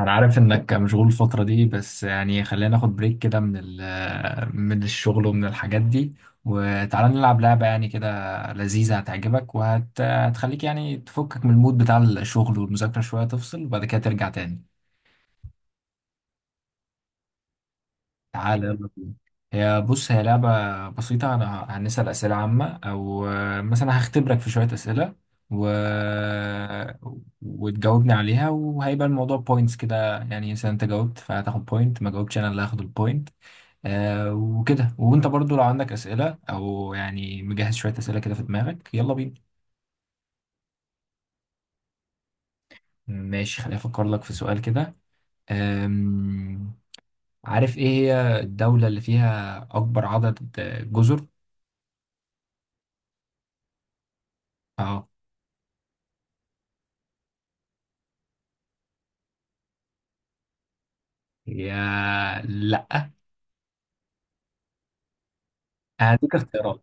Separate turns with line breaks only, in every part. انا عارف انك مشغول الفترة دي، بس يعني خلينا ناخد بريك كده من الشغل ومن الحاجات دي. وتعالى نلعب لعبة يعني كده لذيذة، هتعجبك وهتخليك يعني تفكك من المود بتاع الشغل والمذاكرة شوية، تفصل وبعد كده ترجع تاني. تعالى يلا بينا. هي بص هي لعبة بسيطة، أنا هنسأل أسئلة عامة أو مثلا هختبرك في شوية أسئلة و... وتجاوبني عليها، وهيبقى الموضوع بوينتس كده، يعني مثلا أنت جاوبت فهتاخد بوينت، ما جاوبتش أنا اللي هاخد البوينت. وكده. وانت برضو لو عندك اسئله او يعني مجهز شويه اسئله كده في دماغك، يلا بينا. ماشي، خليني افكر لك في سؤال كده. آم، عارف ايه هي الدوله اللي فيها اكبر عدد جزر؟ اه. يا لا هديك اختيارات.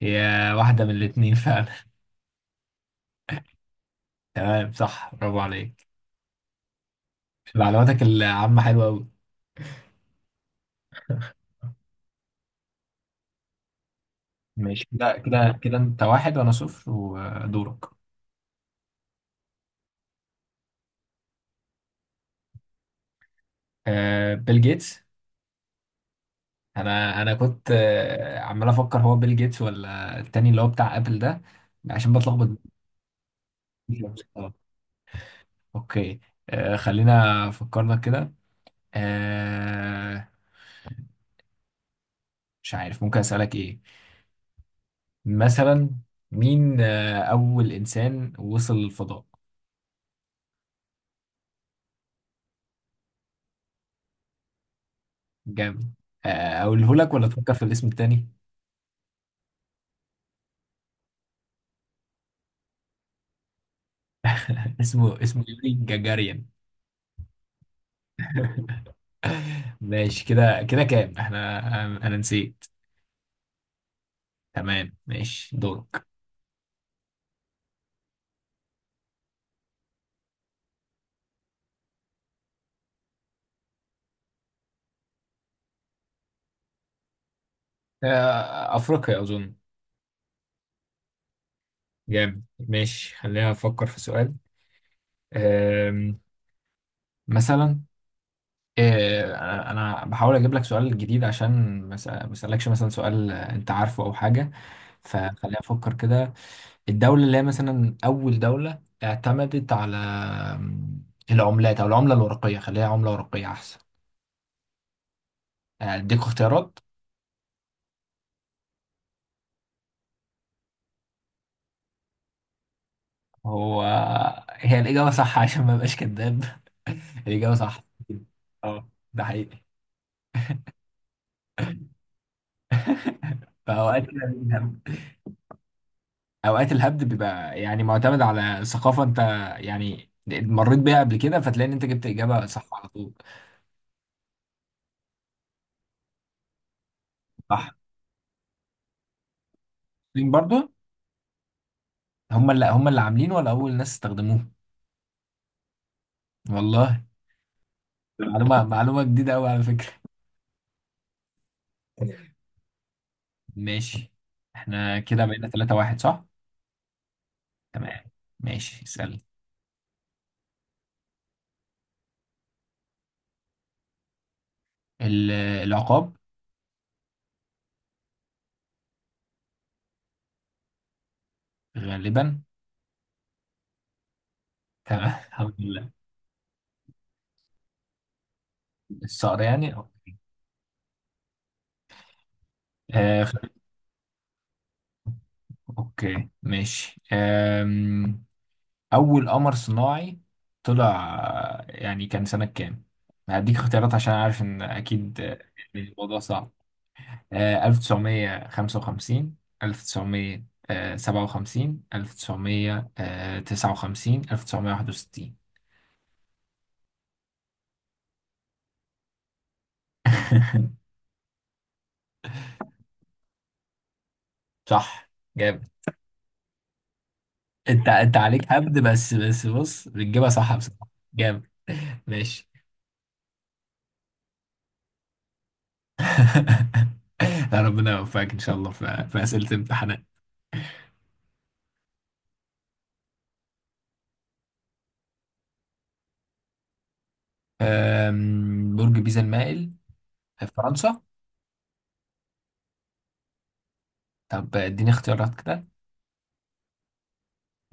يا واحده من الاثنين فعلا. تمام، صح، برافو عليك. معلوماتك العامه حلوه قوي. ماشي، كده كده كده انت واحد وانا صفر، ودورك. بيل جيتس. انا كنت عمال افكر هو بيل جيتس ولا التاني اللي هو بتاع ابل ده، عشان بتلخبط. آه، اوكي. خلينا فكرنا كده. آه، مش عارف ممكن اسالك ايه. مثلا مين اول انسان وصل للفضاء؟ جامد. اقوله لك ولا تفكر في الاسم التاني؟ اسمه يوري جاجاريان. ماشي، كده كده كام احنا؟ انا نسيت. تمام ماشي، دورك. أفريقيا أظن. جامد، ماشي، خلينا أفكر في سؤال. آم، مثلا آه، أنا بحاول أجيب لك سؤال جديد عشان ما أسألكش مثلا سؤال أنت عارفه أو حاجة. فخلينا أفكر كده. الدولة اللي هي مثلا أول دولة اعتمدت على العملات، أو العملة الورقية، خليها عملة ورقية أحسن. أديك اختيارات. هو هي الإجابة صح عشان ما أبقاش كذاب. الإجابة صح. اه، ده حقيقي. فأوقات الهبد أوقات الهبد بيبقى يعني معتمد على ثقافة. أنت يعني مريت بيها قبل كده فتلاقي إن أنت جبت إجابة صح على طول. صح. مين برضو؟ هم اللي عاملين ولا أول ناس استخدموه؟ والله، معلومة جديدة أوي على فكرة. ماشي. احنا كده بقينا 3-1 صح؟ تمام، ماشي، اسأل. العقاب. غالبا. تمام الحمد لله. الصقر يعني، أوكي. آه، اوكي ماشي. اول قمر صناعي طلع يعني كان سنة كام؟ هديك اختيارات عشان عارف ان اكيد الموضوع صعب. 1955، 1957، 1959، 1961. صح. جامد. انت عليك هبد بس، بس بص بتجيبها صح بصراحة. جامد. ماشي. لا، ربنا يوفقك ان شاء الله في اسئله الامتحانات. برج بيزا المائل؟ فرنسا. طب اديني اختيارات كده.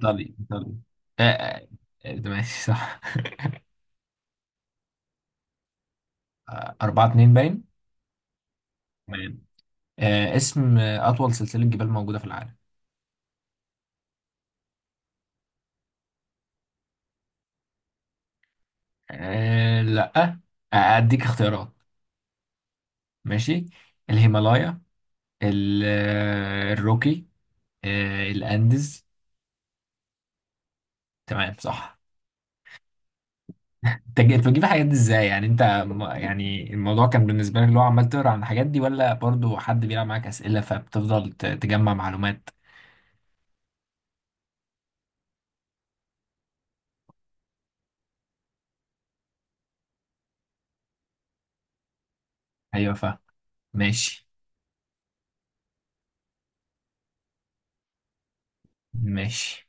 ايطالي، ايطالي. آه، آه، ماشي صح. أربعة اتنين باين. تمام. اسم أطول سلسلة جبال موجودة في العالم؟ لأ. أديك اختيارات. ماشي. الهيمالايا. الروكي. الأنديز. تمام صح. أنت بتجيب الحاجات دي ازاي؟ يعني يعني الموضوع كان بالنسبة لك اللي هو عمال تقرا عن الحاجات دي، ولا برضو حد بيلعب معاك أسئلة فبتفضل تجمع معلومات؟ ايوه، فاهم. ماشي. ماشي.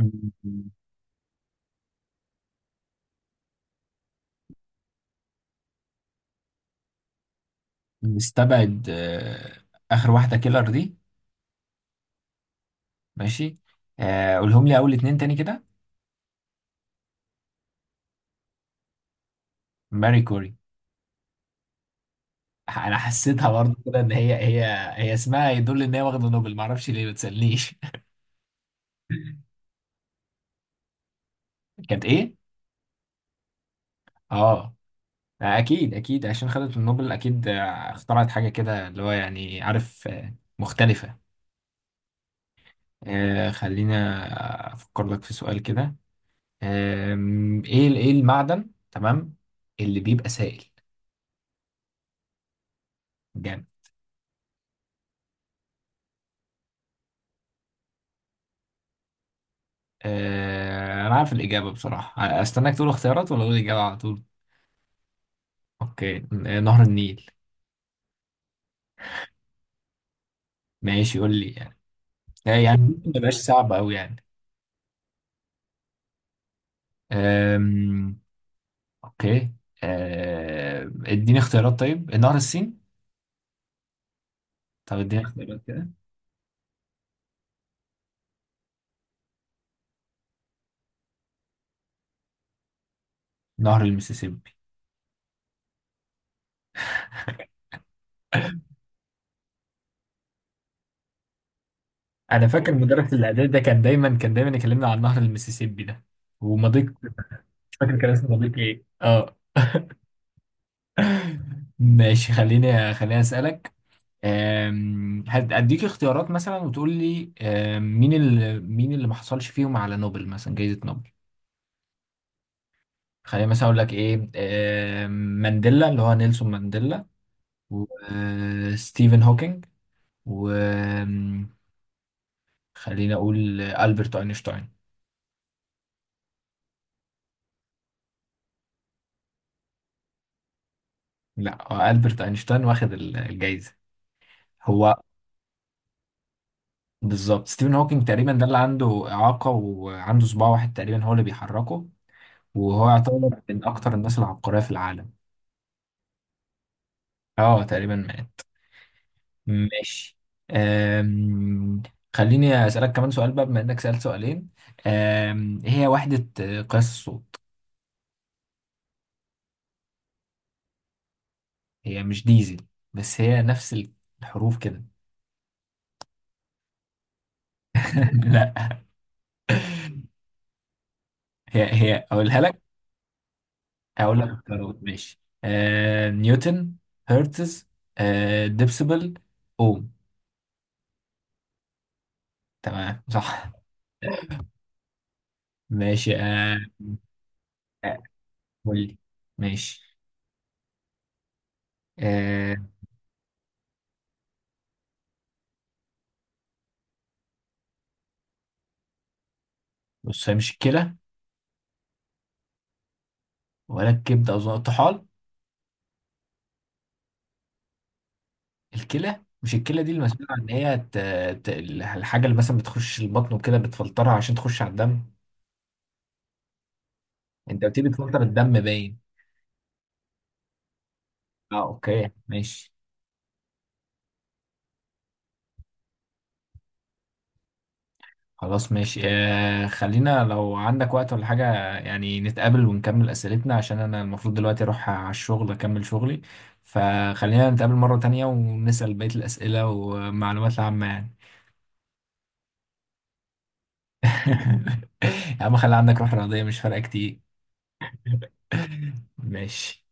م- نستبعد آخر واحدة كيلر دي. ماشي. قولهم لي أول اتنين تاني كده. ماري كوري. أنا حسيتها برضه كده إن هي. هي اسمها يدل إن هي واخدة نوبل، معرفش ليه ما تسألنيش. كانت إيه؟ آه، أكيد أكيد عشان خدت النوبل، أكيد اخترعت حاجة كده اللي هو يعني عارف مختلفة. خلينا أفكر لك في سؤال كده. إيه المعدن، تمام، اللي بيبقى سائل؟ جامد. انا عارف الاجابه بصراحه، استناك تقول اختيارات ولا اقول الاجابه على طول؟ اوكي نهر النيل. ماشي، قول لي يعني يعني ممكن ما يبقاش صعب قوي يعني. آم، اوكي. اديني اختيارات طيب، نهر السين؟ طب اديني اختيارات كده. نهر المسيسيبي. انا فاكر مدرس الاعداد ده كان دايما يكلمنا عن نهر المسيسيبي ده، ومضيق. مش فاكر كان اسمه مضيق ايه، اه. ماشي، خليني اسالك. هديك اختيارات مثلا وتقول لي، مين اللي ما حصلش فيهم على نوبل، مثلا جائزة نوبل. خلينا مثلا اقول لك ايه. أم، مانديلا اللي هو نيلسون مانديلا، وستيفن هوكينج، وخلينا اقول ألبرت اينشتاين. لا، هو ألبرت اينشتاين واخد الجائزة. هو بالظبط ستيفن هوكينج. تقريبا ده اللي عنده إعاقة وعنده صباع واحد تقريبا هو اللي بيحركه، وهو يعتبر من اكتر الناس العبقرية في العالم. اه، تقريبا مات. ماشي. أم... خليني أسألك كمان سؤال بقى بما إنك سألت سؤالين. إيه هي وحدة قياس الصوت؟ هي مش ديزل، بس هي نفس الحروف كده. لا. هي أقولها لك. هقول لك اختيارات، ماشي نيوتن، هرتز، ديبسيبل، أوم. تمام صح. ماشي آه، قول لي، ماشي أه... بص هي مش الكلى، ولا الكبدة، أظن الطحال. الكلى، مش الكلى دي المسؤولة عن ان هي الحاجة اللي مثلا بتخش البطن وكده بتفلترها عشان تخش على الدم. انت قلت لي بتفلتر الدم باين. اه، اوكي ماشي. خلاص، ماشي خلينا لو عندك وقت ولا حاجة يعني، نتقابل ونكمل أسئلتنا عشان أنا المفروض دلوقتي أروح على الشغل أكمل شغلي. فخلينا نتقابل مرة تانية ونسأل بقية الأسئلة والمعلومات العامة يعني. يا عم خلي عندك روح رياضية، مش فارقة كتير. ماشي.